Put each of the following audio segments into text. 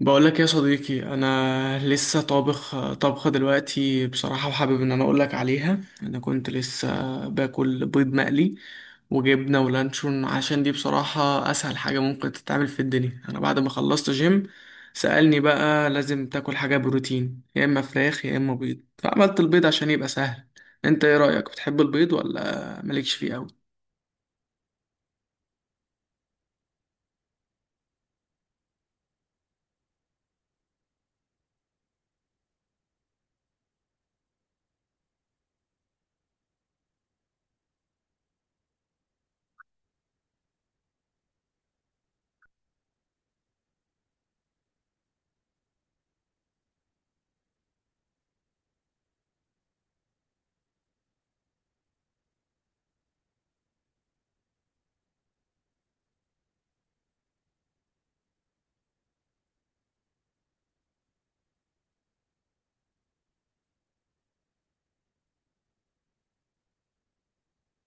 بقول لك يا صديقي، انا لسه طابخ طبخه دلوقتي بصراحه، وحابب ان انا اقول لك عليها. انا كنت لسه باكل بيض مقلي وجبنه ولانشون، عشان دي بصراحه اسهل حاجه ممكن تتعمل في الدنيا. انا بعد ما خلصت جيم سألني بقى لازم تاكل حاجه بروتين، يا اما فراخ يا اما بيض، فعملت البيض عشان يبقى سهل. انت ايه رأيك، بتحب البيض ولا مالكش فيه قوي؟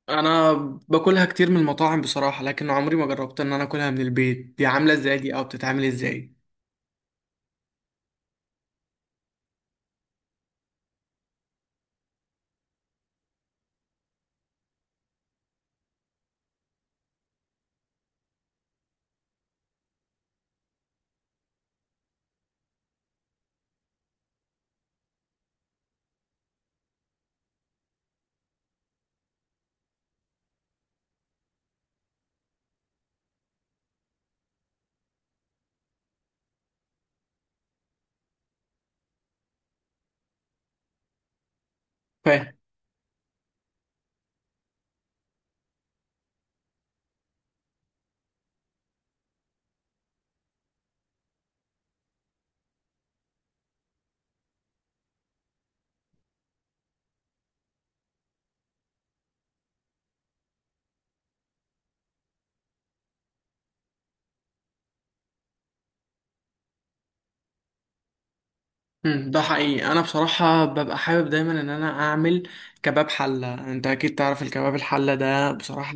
انا باكلها كتير من المطاعم بصراحه، لكن عمري ما جربت ان انا اكلها من البيت. دي عامله ازاي؟ دي او بتتعمل ازاي؟ فاهم. ده حقيقي. انا بصراحه ببقى حابب دايما ان انا اعمل كباب حله. انت اكيد تعرف الكباب الحله ده، بصراحه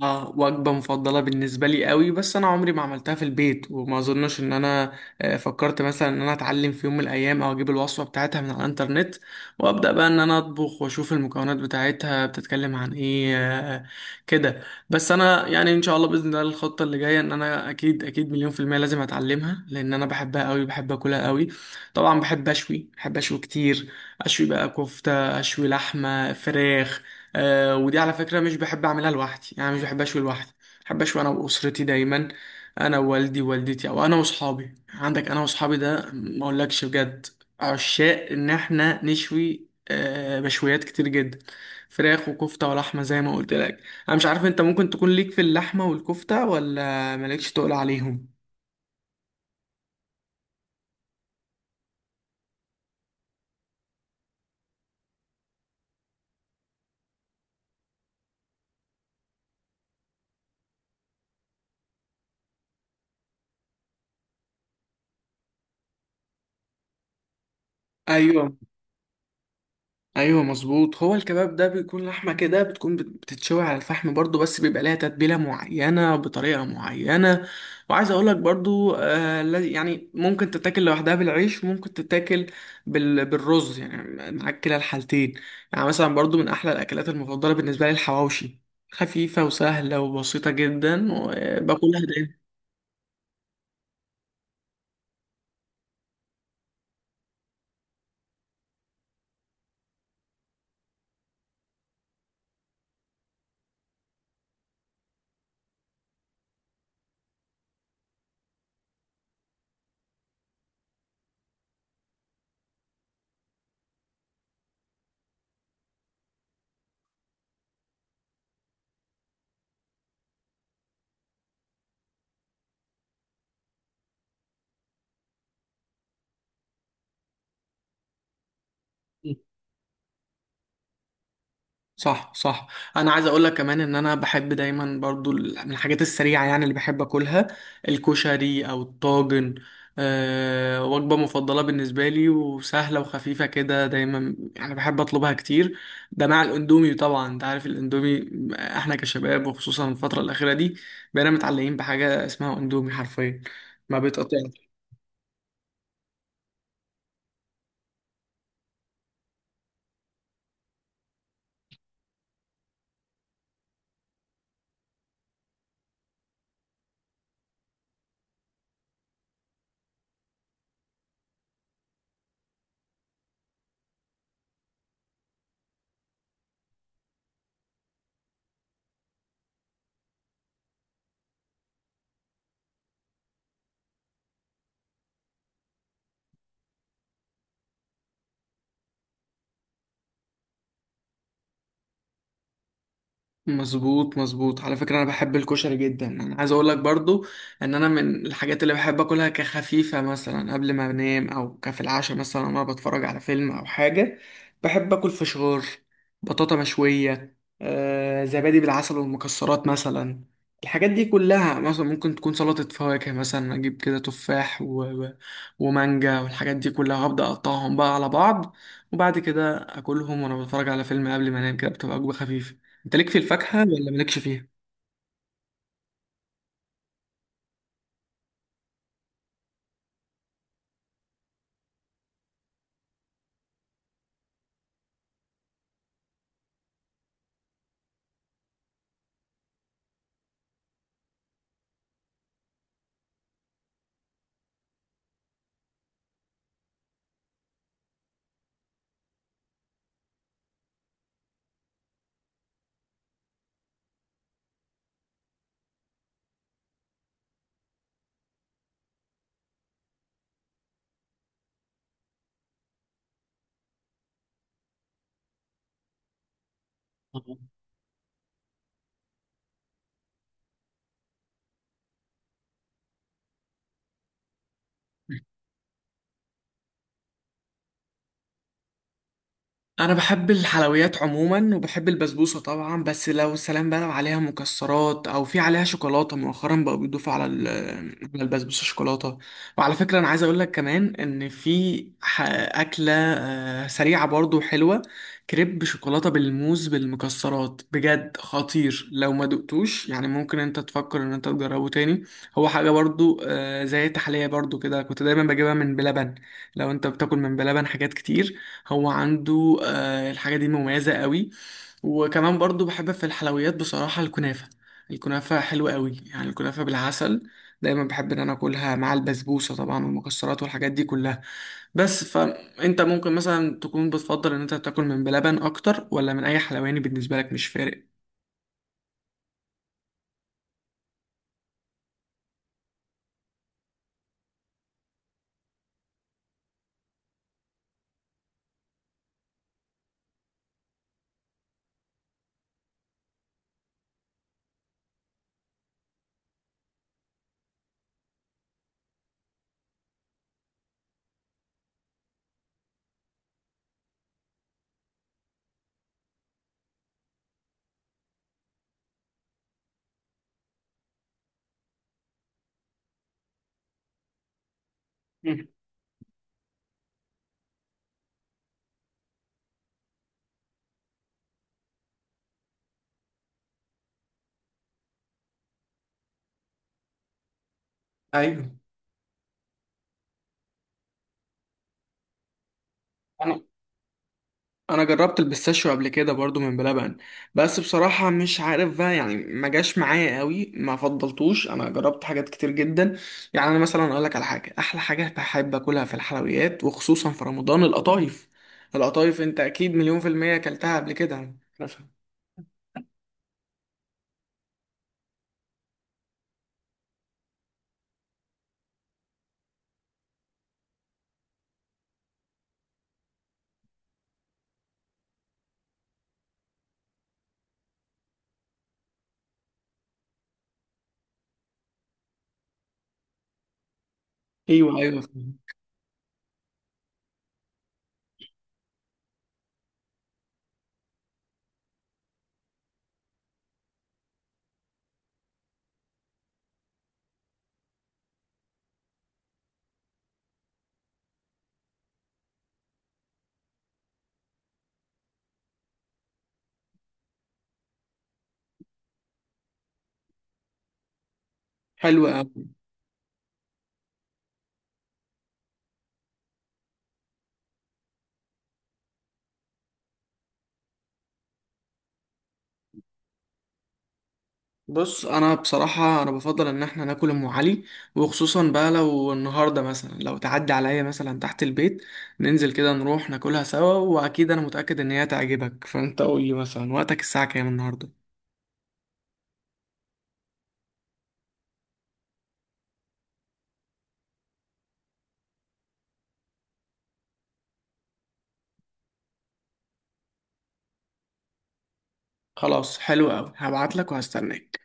اه وجبة مفضلة بالنسبة لي قوي. بس انا عمري ما عملتها في البيت وما اظنش ان انا فكرت مثلا ان انا اتعلم في يوم من الايام، او اجيب الوصفة بتاعتها من على الانترنت وابدا بقى ان انا اطبخ واشوف المكونات بتاعتها بتتكلم عن ايه كده. بس انا يعني ان شاء الله باذن الله الخطة اللي جاية ان انا اكيد اكيد مليون في المية لازم اتعلمها، لان انا بحبها قوي، بحب اكلها قوي. طبعا بحب اشوي، بحب اشوي كتير. اشوي بقى كفتة، اشوي لحمة فراخ. آه ودي على فكرة مش بحب أعملها لوحدي، يعني مش بحب أشوي لوحدي. بحب أشوي أنا وأسرتي دايما، أنا ووالدي ووالدتي، أو أنا وأصحابي. عندك أنا وأصحابي ده ما أقولكش، بجد عشاق إن إحنا نشوي مشويات كتير جدا، فراخ وكفتة ولحمة زي ما قلت لك. أنا مش عارف أنت ممكن تكون ليك في اللحمة والكفتة ولا مالكش، تقول عليهم؟ أيوة. ايوه مظبوط، هو الكباب ده بيكون لحمه كده، بتكون بتتشوي على الفحم برضو، بس بيبقى لها تتبيله معينه بطريقه معينه. وعايز اقول لك برضو، يعني ممكن تتاكل لوحدها بالعيش، ممكن تتاكل بالرز يعني، معاك كلا الحالتين. يعني مثلا برضو من احلى الاكلات المفضله بالنسبه لي الحواوشي، خفيفه وسهله وبسيطه جدا وباكلها دايما. صح، صح. انا عايز اقول لك كمان ان انا بحب دايما برضو، من الحاجات السريعه يعني اللي بحب اكلها، الكشري او الطاجن. أه وجبه مفضله بالنسبه لي وسهله وخفيفه كده، دايما يعني بحب اطلبها كتير. ده مع الاندومي طبعا. انت عارف الاندومي، احنا كشباب وخصوصا الفتره الاخيره دي بقينا متعلقين بحاجه اسمها اندومي، حرفيا ما بيتقطعش. مظبوط، مظبوط. على فكرة انا بحب الكشري جدا. انا عايز اقول لك برضو ان انا من الحاجات اللي بحب اكلها كخفيفة مثلا قبل ما انام، او كفي العشاء مثلا وانا بتفرج على فيلم او حاجة: بحب اكل فشار، بطاطا مشوية، زبادي بالعسل والمكسرات مثلا. الحاجات دي كلها، مثلا ممكن تكون سلطة فواكه، مثلا اجيب كده تفاح ومانجا والحاجات دي كلها، هبدأ اقطعهم بقى على بعض، وبعد كده اكلهم وانا بتفرج على فيلم قبل ما انام. كده بتبقى وجبة خفيفة. انت ليك في الفاكهة ولا مالكش فيها؟ آه. انا بحب الحلويات عموما، وبحب البسبوسه طبعا. بس لو سلام بقى لو عليها مكسرات او في عليها شوكولاته. مؤخرا بقوا بيضيفوا على على البسبوسه شوكولاته. وعلى فكره انا عايز اقول لك كمان ان في اكله سريعه برضو حلوه: كريب شوكولاته بالموز بالمكسرات، بجد خطير. لو ما دقتوش يعني ممكن انت تفكر ان انت تجربه تاني. هو حاجه برضو، زي التحليه برضو كده، كنت دايما بجيبها من بلبن. لو انت بتاكل من بلبن حاجات كتير، هو عنده الحاجة دي مميزة قوي. وكمان برضو بحب في الحلويات بصراحة الكنافة. الكنافة حلوة قوي يعني، الكنافة بالعسل دايما بحب ان انا اكلها مع البسبوسة طبعا والمكسرات والحاجات دي كلها. بس فانت ممكن مثلا تكون بتفضل ان انت تاكل من بلبن اكتر، ولا من اي حلواني بالنسبة لك مش فارق؟ مم. ايوه. انا انا جربت البيستاشيو قبل كده برضو من بلبن، بس بصراحة مش عارف بقى يعني، ما جاش معايا قوي، ما فضلتوش. انا جربت حاجات كتير جدا. يعني انا مثلا اقول لك على حاجة، احلى حاجة بحب اكلها في الحلويات وخصوصا في رمضان: القطايف. القطايف انت اكيد مليون في المية اكلتها قبل كده مثلا. ايوه، ايوه. حلوة. بص انا بصراحه، انا بفضل ان احنا ناكل ام علي، وخصوصا بقى لو النهارده مثلا لو تعدي عليا مثلا تحت البيت، ننزل كده نروح ناكلها سوا. واكيد انا متاكد ان هي تعجبك. فانت قول لي مثلا وقتك الساعه كام النهارده؟ خلاص حلو قوي، هبعت لك وهستناك.